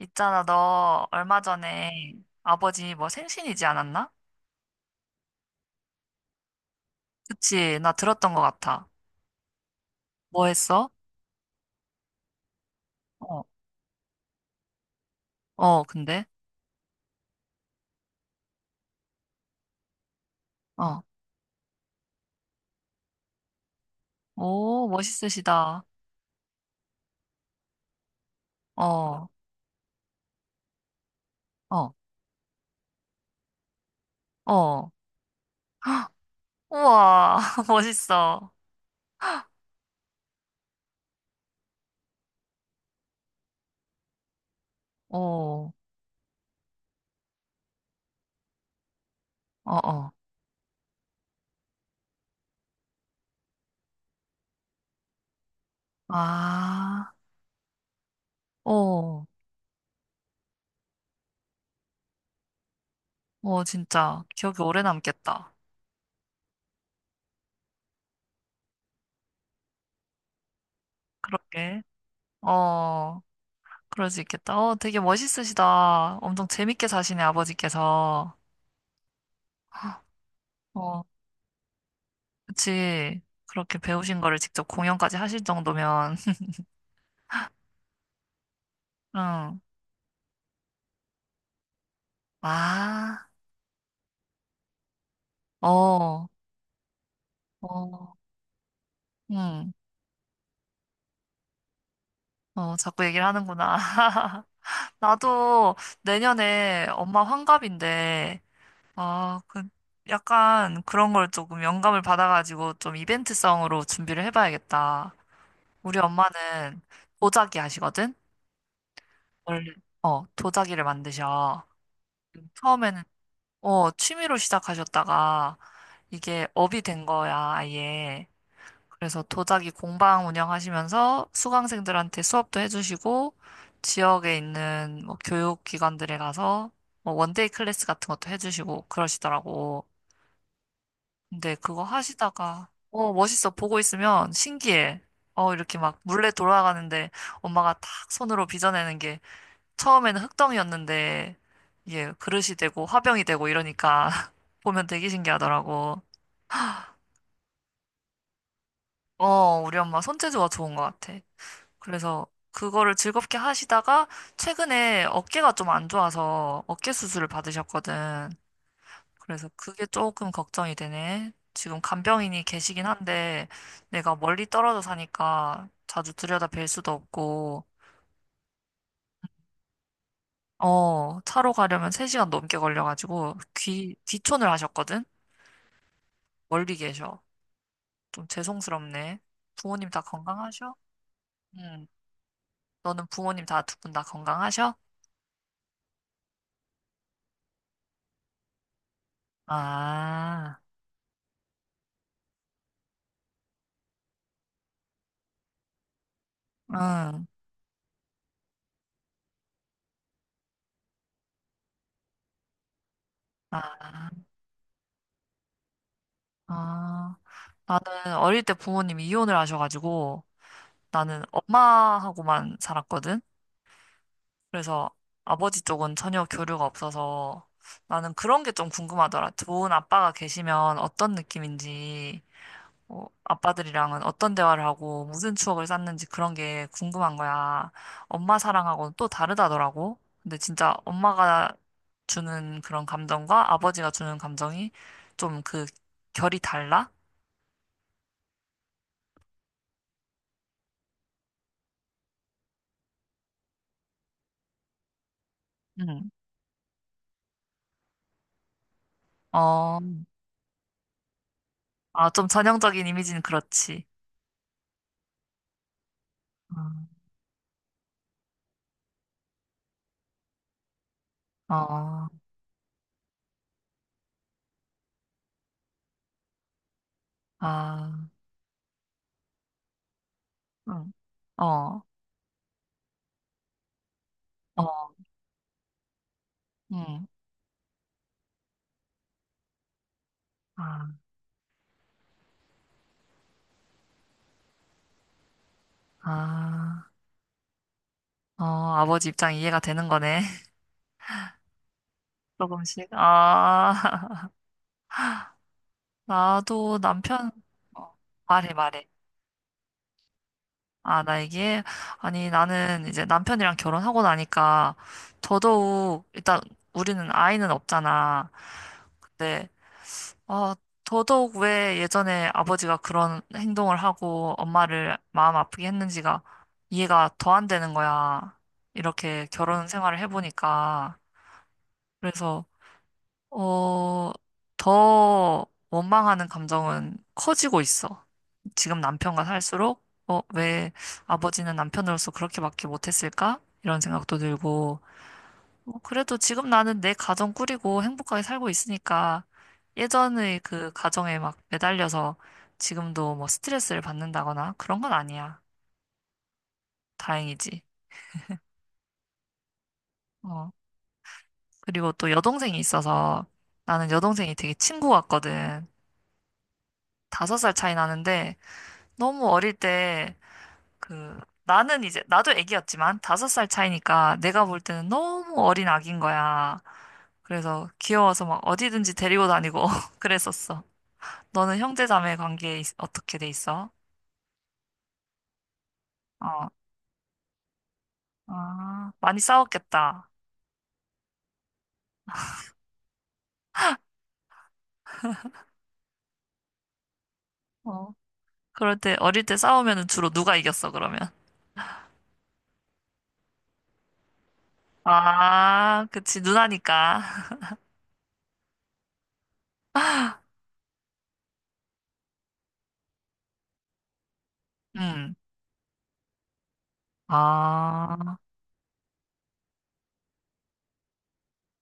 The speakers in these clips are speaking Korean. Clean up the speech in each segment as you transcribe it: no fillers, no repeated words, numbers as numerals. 있잖아, 너 얼마 전에 아버지 뭐 생신이지 않았나? 그치, 나 들었던 것 같아. 뭐 했어? 어, 어, 근데? 어, 오, 멋있으시다. 어, 어, 어. 헉, 우와, 멋있어. 어, 어, 어. 아, 어, 어, 진짜. 기억이 오래 남겠다. 그렇게. 어, 그럴 수 있겠다. 어, 되게 멋있으시다. 엄청 재밌게 사시네, 아버지께서. 어, 그치. 그렇게 배우신 거를 직접 공연까지 하실 정도면, 응. 아, 어, 어, 응. 어, 자꾸 얘기를 하는구나. 나도 내년에 엄마 환갑인데, 아, 그, 약간 그런 걸 조금 영감을 받아가지고 좀 이벤트성으로 준비를 해봐야겠다. 우리 엄마는 도자기 하시거든? 원래, 어, 도자기를 만드셔. 처음에는 어, 취미로 시작하셨다가 이게 업이 된 거야, 아예. 그래서 도자기 공방 운영하시면서 수강생들한테 수업도 해주시고, 지역에 있는 뭐 교육기관들에 가서 뭐 원데이 클래스 같은 것도 해주시고 그러시더라고. 근데 그거 하시다가 어, 멋있어. 보고 있으면 신기해. 어, 이렇게 막 물레 돌아가는데 엄마가 탁 손으로 빚어내는 게, 처음에는 흙덩이였는데 이게 그릇이 되고 화병이 되고 이러니까 보면 되게 신기하더라고. 어, 우리 엄마 손재주가 좋은 것 같아. 그래서 그거를 즐겁게 하시다가 최근에 어깨가 좀 안 좋아서 어깨 수술을 받으셨거든. 그래서 그게 조금 걱정이 되네. 지금 간병인이 계시긴 한데 내가 멀리 떨어져 사니까 자주 들여다 뵐 수도 없고, 어, 차로 가려면 3시간 넘게 걸려가지고 귀촌을 하셨거든? 멀리 계셔. 좀 죄송스럽네. 부모님 다 건강하셔? 응. 너는 부모님 다 두 분 다 건강하셔? 아, 응. 아, 아. 나는 어릴 때 부모님이 이혼을 하셔가지고 나는 엄마하고만 살았거든? 그래서 아버지 쪽은 전혀 교류가 없어서 나는 그런 게 좀 궁금하더라. 좋은 아빠가 계시면 어떤 느낌인지. 어, 아빠들이랑은 어떤 대화를 하고 무슨 추억을 쌓는지 그런 게 궁금한 거야. 엄마 사랑하고는 또 다르다더라고. 근데 진짜 엄마가 주는 그런 감정과 아버지가 주는 감정이 좀 그, 결이 달라? 응. 어, 아, 좀 전형적인 이미지는 그렇지. 어, 어, 아, 응. 어, 어, 응. 아, 아, 어, 아버지 입장 이해가 되는 거네. 조금씩. 아. 나도 남편, 어, 말해, 말해. 아, 나 얘기해? 아니, 나는 이제 남편이랑 결혼하고 나니까 더더욱, 일단 우리는 아이는 없잖아. 근데, 어, 더더욱 왜 예전에 아버지가 그런 행동을 하고 엄마를 마음 아프게 했는지가 이해가 더 안 되는 거야. 이렇게 결혼 생활을 해보니까. 그래서, 어, 더 원망하는 감정은 커지고 있어. 지금 남편과 살수록, 어, 왜 아버지는 남편으로서 그렇게밖에 못했을까? 이런 생각도 들고, 뭐, 그래도 지금 나는 내 가정 꾸리고 행복하게 살고 있으니까, 예전의 그 가정에 막 매달려서 지금도 뭐 스트레스를 받는다거나 그런 건 아니야. 다행이지. 어, 그리고 또 여동생이 있어서, 나는 여동생이 되게 친구 같거든. 5살 차이 나는데, 너무 어릴 때, 그, 나는 이제 나도 애기였지만 5살 차이니까 내가 볼 때는 너무 어린 아기인 거야. 그래서 귀여워서 막 어디든지 데리고 다니고 그랬었어. 너는 형제 자매 관계 있- 어떻게 돼 있어? 어, 아, 많이 싸웠겠다. 어, 그럴 때 어릴 때 싸우면은 주로 누가 이겼어 그러면? 아, 그치 누나니까. 음, 아,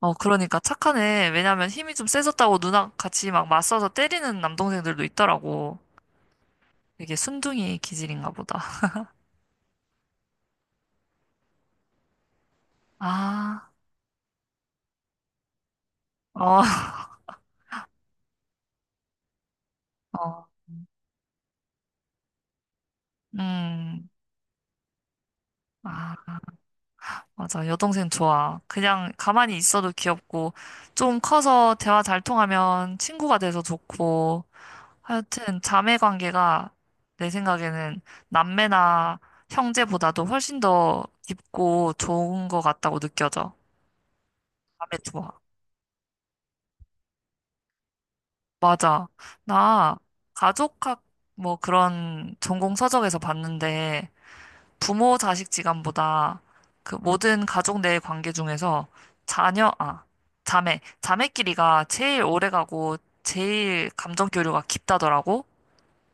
어, 그러니까 착하네. 왜냐면 힘이 좀 세졌다고 누나 같이 막 맞서서 때리는 남동생들도 있더라고. 되게 순둥이 기질인가 보다. 아, 어, 어, 음, 아, 맞아. 여동생 좋아. 그냥 가만히 있어도 귀엽고, 좀 커서 대화 잘 통하면 친구가 돼서 좋고, 하여튼 자매 관계가 내 생각에는 남매나 형제보다도 훨씬 더 깊고 좋은 것 같다고 느껴져. 자매 좋아. 맞아. 나 가족학 뭐 그런 전공 서적에서 봤는데, 부모 자식 지간보다 그 모든 가족 내 관계 중에서 자녀, 아, 자매, 자매끼리가 제일 오래가고 제일 감정 교류가 깊다더라고.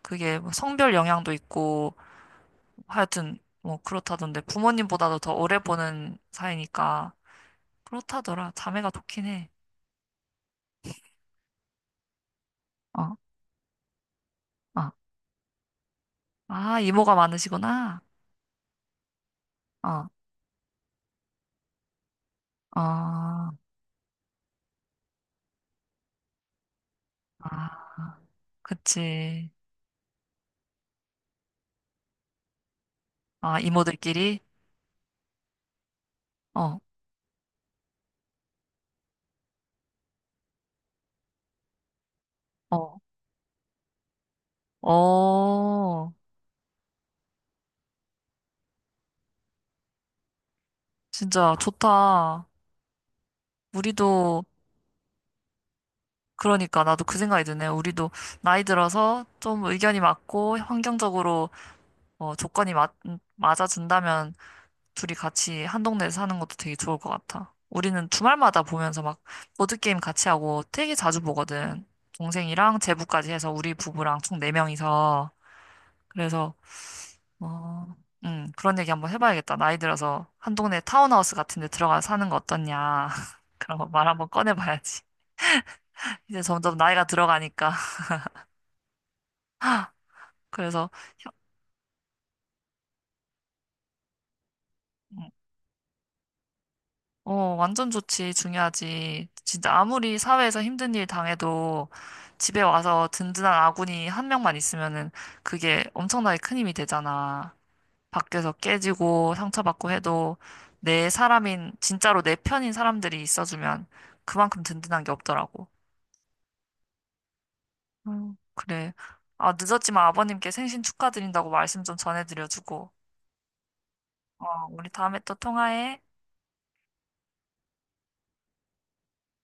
그게 뭐 성별 영향도 있고 하여튼 뭐 그렇다던데 부모님보다도 더 오래 보는 사이니까 그렇다더라. 자매가 좋긴 해. 어, 어. 아, 이모가 많으시구나. 어, 어, 아, 그치. 아, 이모들끼리? 어, 어, 어. 진짜 좋다. 우리도, 그러니까 나도 그 생각이 드네. 우리도 나이 들어서 좀 의견이 맞고 환경적으로 어, 조건이 맞아준다면 둘이 같이 한 동네에 사는 것도 되게 좋을 것 같아. 우리는 주말마다 보면서 막 보드게임 같이 하고 되게 자주 보거든. 동생이랑 제부까지 해서 우리 부부랑 총 네명이서 그래서, 어, 그런 얘기 한번 해봐야겠다. 나이 들어서 한 동네 타운하우스 같은 데 들어가서 사는 거 어떻냐. 그런 거 말 한번 꺼내봐야지. 이제 점점 나이가 들어가니까. 그래서, 혀- 음, 어, 완전 좋지. 중요하지. 진짜 아무리 사회에서 힘든 일 당해도 집에 와서 든든한 아군이 한 명만 있으면은 그게 엄청나게 큰 힘이 되잖아. 밖에서 깨지고 상처받고 해도 내 사람인, 진짜로 내 편인 사람들이 있어주면 그만큼 든든한 게 없더라고. 그래. 아, 늦었지만 아버님께 생신 축하드린다고 말씀 좀 전해드려주고. 어, 우리 다음에 또 통화해.